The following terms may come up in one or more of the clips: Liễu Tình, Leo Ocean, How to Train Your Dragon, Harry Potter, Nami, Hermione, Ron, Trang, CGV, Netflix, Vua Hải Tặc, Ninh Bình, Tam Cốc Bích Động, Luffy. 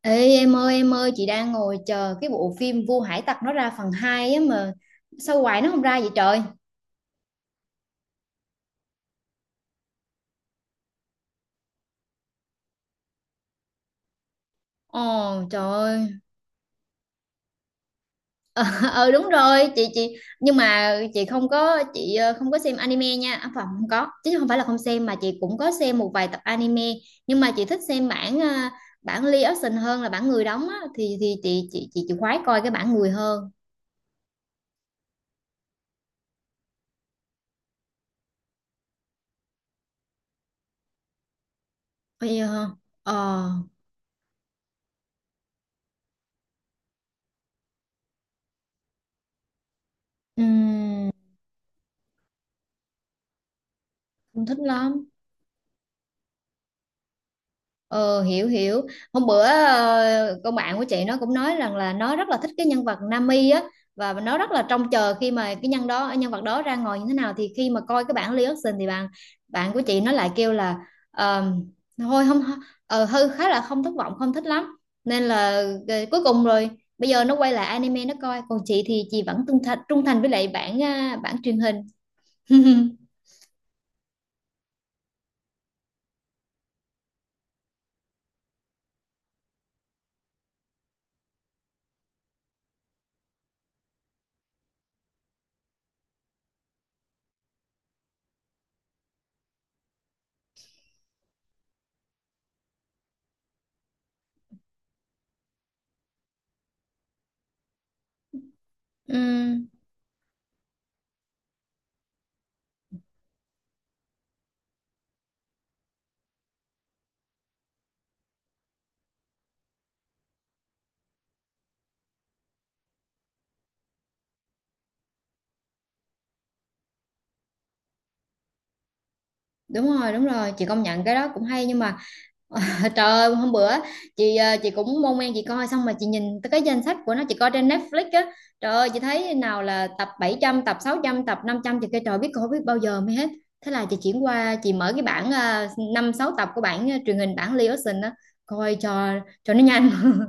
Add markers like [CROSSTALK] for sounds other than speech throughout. Ê, em ơi em ơi, chị đang ngồi chờ cái bộ phim Vua Hải Tặc nó ra phần 2 á mà sao hoài nó không ra vậy trời. Ồ, trời ơi. ờ [LAUGHS] đúng rồi, chị nhưng mà chị không có chị không có xem anime nha, à, phải, không có, chứ không phải là không xem, mà chị cũng có xem một vài tập anime. Nhưng mà chị thích xem bản bản live action hơn là bản người đóng á, thì chị khoái coi cái bản người hơn. Bây giờ ờ ừm, không thích lắm. Ờ, hiểu hiểu. Hôm bữa con bạn của chị nó cũng nói rằng là nó rất là thích cái nhân vật Nami á, và nó rất là trông chờ khi mà cái nhân đó nhân vật đó ra ngồi như thế nào. Thì khi mà coi cái bản reaction thì bạn bạn của chị nó lại kêu là ờ, thôi không, hư khá là không thất vọng, không thích lắm, nên là cuối cùng rồi bây giờ nó quay lại anime nó coi, còn chị thì chị vẫn trung thành với lại bản, à, bản truyền hình. [LAUGHS] Ừm. Đúng rồi đúng rồi, chị công nhận cái đó cũng hay, nhưng mà [LAUGHS] trời ơi, hôm bữa chị chị cũng mong men chị coi xong mà chị nhìn tới cái danh sách của nó, chị coi trên Netflix á, trời ơi chị thấy nào là tập 700, tập 600, tập 500, chị kêu trời, biết coi biết bao giờ mới hết. Thế là chị chuyển qua chị mở cái bản 5 6 tập của bản truyền hình, bản Leo Ocean á, coi cho nó nhanh. [LAUGHS]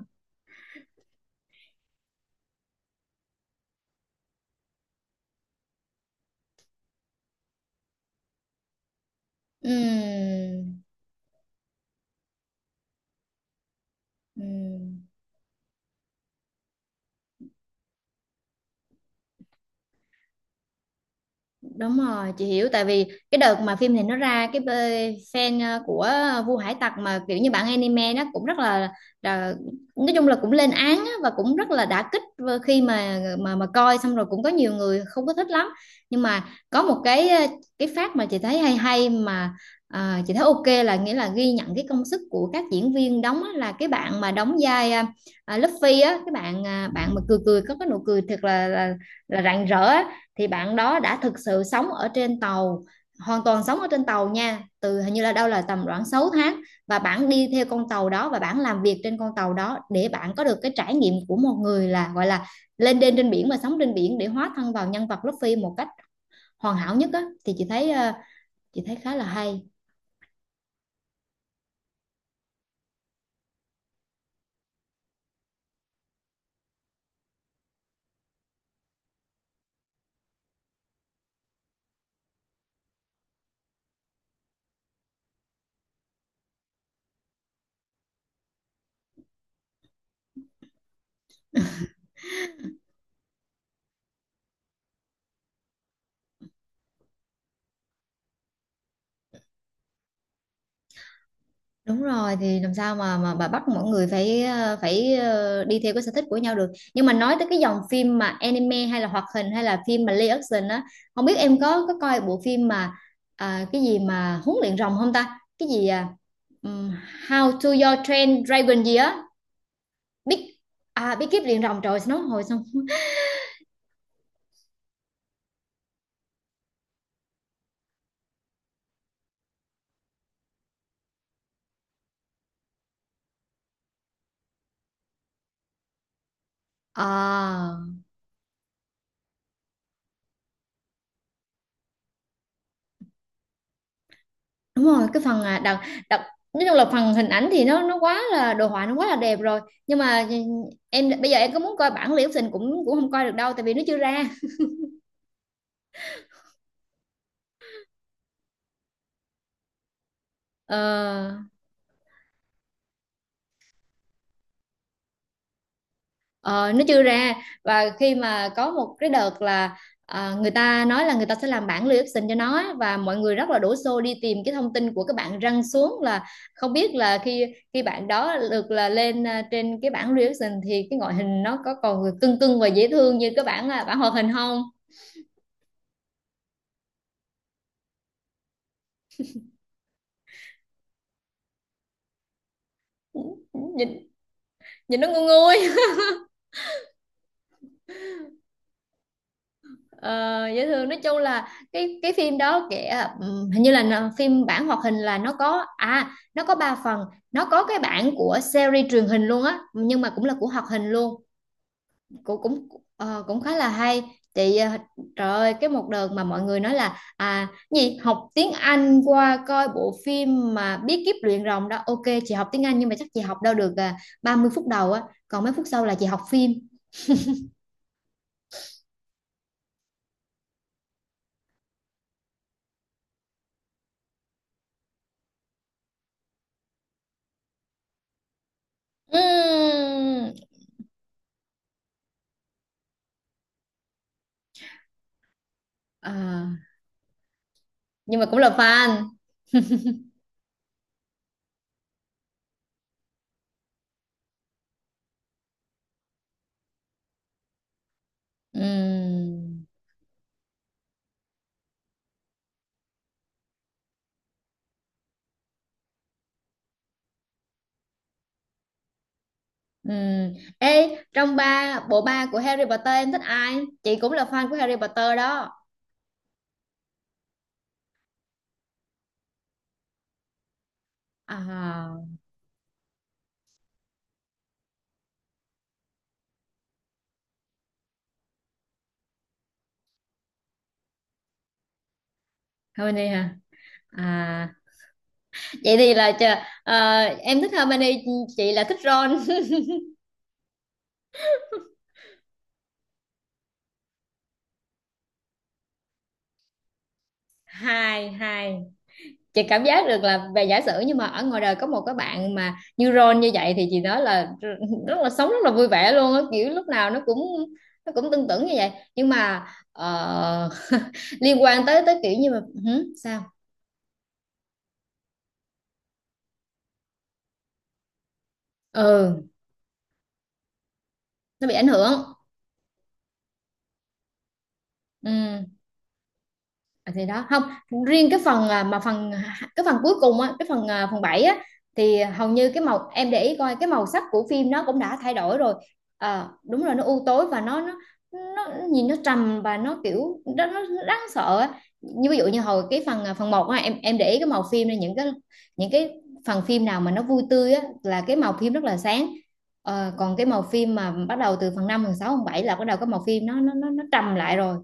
Ừm, ừm. Đúng rồi, chị hiểu, tại vì cái đợt mà phim này nó ra, cái fan của Vua Hải Tặc mà kiểu như bạn anime nó cũng rất là nói chung là cũng lên án á, và cũng rất là đả kích vừa. Khi mà coi xong rồi cũng có nhiều người không có thích lắm. Nhưng mà có một cái cái phát mà chị thấy hay hay mà chị thấy ok, là nghĩa là ghi nhận cái công sức của các diễn viên đóng á, là cái bạn mà đóng vai Luffy á, cái bạn bạn mà cười cười, có cái nụ cười thật là là rạng rỡ á, thì bạn đó đã thực sự sống ở trên tàu, hoàn toàn sống ở trên tàu nha, từ hình như là đâu là tầm khoảng 6 tháng, và bạn đi theo con tàu đó và bạn làm việc trên con tàu đó để bạn có được cái trải nghiệm của một người là gọi là lên đên trên biển và sống trên biển để hóa thân vào nhân vật Luffy một cách hoàn hảo nhất á, thì chị thấy chị thấy khá là hay. Đúng rồi, thì làm sao mà bà bắt mọi người phải phải đi theo cái sở thích của nhau được. Nhưng mà nói tới cái dòng phim mà anime hay là hoạt hình hay là phim mà live action á, không biết em có coi bộ phim mà, à, cái gì mà huấn luyện rồng không ta? Cái gì à? Ừm, How to Your Train Dragon gì á? Big, à, Big Kiếp luyện rồng trời nó hồi xong. [LAUGHS] À, đúng rồi, cái phần, à, đặc đặc nói chung là phần hình ảnh thì nó quá là đồ họa, nó quá là đẹp rồi, nhưng mà em bây giờ em có muốn coi bản Liễu Tình cũng cũng không coi được đâu, tại vì nó chưa ra. ờ, ờ, nó chưa ra. Và khi mà có một cái đợt là, à, người ta nói là người ta sẽ làm bản Liễu Tình cho nó á, và mọi người rất là đổ xô đi tìm cái thông tin của cái bạn răng xuống, là không biết là khi khi bạn đó được là lên, à, trên cái bản Liễu Tình thì cái ngoại hình nó có còn cưng cưng và dễ thương như cái bản, à, bản hoạt hình không. Nhìn nhìn nó ngu nguôi, ờ, dễ thương. Nói chung là cái phim đó kể, hình như là nó phim bản hoạt hình là nó có, à, nó có ba phần, nó có cái bản của series truyền hình luôn á, nhưng mà cũng là của hoạt hình luôn, cũng cũng cũng khá là hay. Chị trời ơi, cái một đợt mà mọi người nói là, à, gì học tiếng Anh qua coi bộ phim mà bí kíp luyện rồng đó, ok chị học tiếng Anh nhưng mà chắc chị học đâu được, à, 30 phút đầu á, còn mấy phút sau là chị học phim. Ừm. À, nhưng mà cũng là fan. Ừm, ừm. Ê, trong ba bộ ba của Harry Potter em thích ai? Chị cũng là fan của Harry Potter đó. À, Hermione hả? À, vậy thì là em thích Hermione, chị là thích Ron. [LAUGHS] Hai, hai. Chị cảm giác được là về giả sử, nhưng mà ở ngoài đời có một cái bạn mà như Ron như vậy thì chị nói là rất là sống rất là vui vẻ luôn á, kiểu lúc nào nó cũng tưng tửng như vậy. Nhưng mà ờ, liên quan tới tới kiểu như mà, hử? Sao? Ừ. Nó bị ảnh hưởng. Ừ. À, thì đó không riêng cái phần, à, mà phần cái phần cuối cùng á, cái phần, à, phần bảy á, thì hầu như cái màu em để ý coi cái màu sắc của phim nó cũng đã thay đổi rồi. Ờ, đúng là nó u tối và nó, nhìn nó trầm và nó kiểu nó đáng sợ á. Như ví dụ như hồi cái phần, à, phần một á, em để ý cái màu phim này, những cái những cái phần phim nào mà nó vui tươi á là cái màu phim rất là sáng. Ờ, còn cái màu phim mà bắt đầu từ phần năm, phần sáu, phần 7 là bắt đầu cái màu phim nó trầm lại rồi.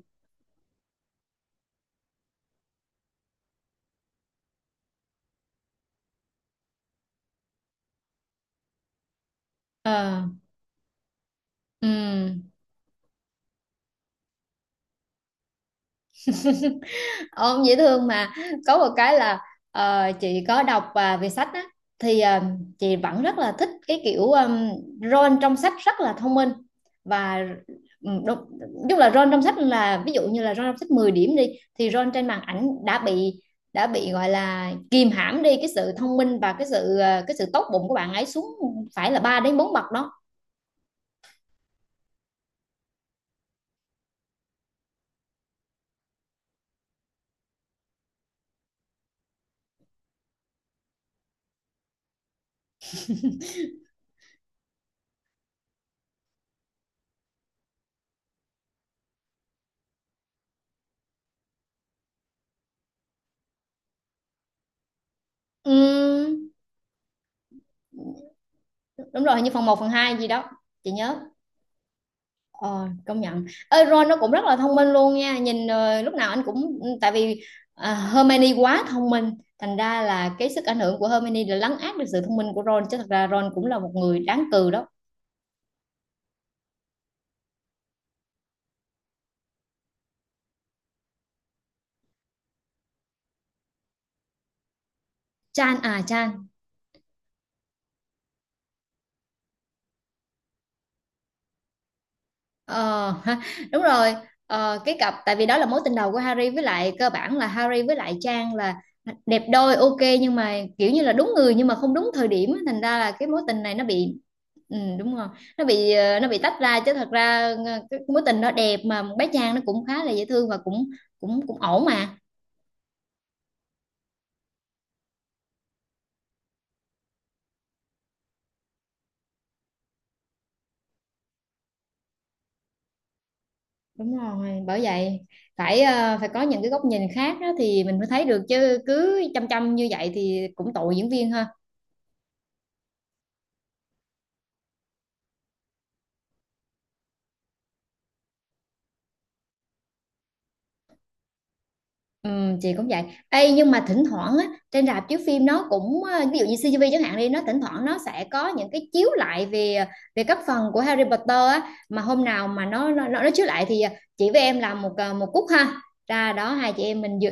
Ờ, ừ. Ông dễ thương mà. Có một cái là chị có đọc và về sách á, thì chị vẫn rất là thích cái kiểu, Ron trong sách rất là thông minh và, ừ, đúng, nói là Ron trong sách, là ví dụ như là Ron trong sách 10 điểm đi, thì Ron trên màn ảnh đã bị gọi là kìm hãm đi cái sự thông minh và cái sự cái sự tốt bụng của bạn ấy xuống, phải là 3 đến 4 bậc đó. Ừm, đúng rồi, hình như phần một phần 2 gì đó chị nhớ. Ờ, công nhận. Ê, Ron nó cũng rất là thông minh luôn nha. Nhìn lúc nào anh cũng, ừ, tại vì, à, Hermione quá thông minh, thành ra là cái sức ảnh hưởng của Hermione là lấn át được sự thông minh của Ron, chứ thật ra Ron cũng là một người đáng cừ đó. Chan, à, Chan. Ờ, [LAUGHS] ha, đúng rồi. Ờ, cái cặp, tại vì đó là mối tình đầu của Harry, với lại cơ bản là Harry với lại Trang là đẹp đôi, ok, nhưng mà kiểu như là đúng người nhưng mà không đúng thời điểm á, thành ra là cái mối tình này nó bị, ừ, đúng rồi, nó bị nó bị tách ra, chứ thật ra cái mối tình đó đẹp, mà bé Trang nó cũng khá là dễ thương và cũng cũng cũng ổn mà. Đúng rồi, bởi vậy phải phải có những cái góc nhìn khác á thì mình mới thấy được, chứ cứ chăm chăm như vậy thì cũng tội diễn viên, ha. Ừ, chị cũng vậy. Ê, nhưng mà thỉnh thoảng á, trên rạp chiếu phim nó cũng ví dụ như CGV chẳng hạn đi, nó thỉnh thoảng nó sẽ có những cái chiếu lại về về các phần của Harry Potter á, mà hôm nào mà nó chiếu lại thì chị với em làm một một cúc ha. Ra đó hai chị em mình dự,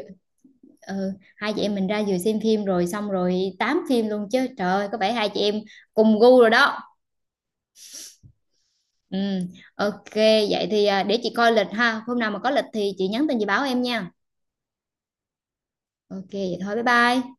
ừ, hai chị em mình ra vừa xem phim rồi xong rồi tám phim luôn chứ. Trời ơi, có vẻ hai chị em cùng gu rồi đó. Ừ, ok, vậy thì để chị coi lịch ha. Hôm nào mà có lịch thì chị nhắn tin chị báo em nha. Ok, vậy thôi, bye bye.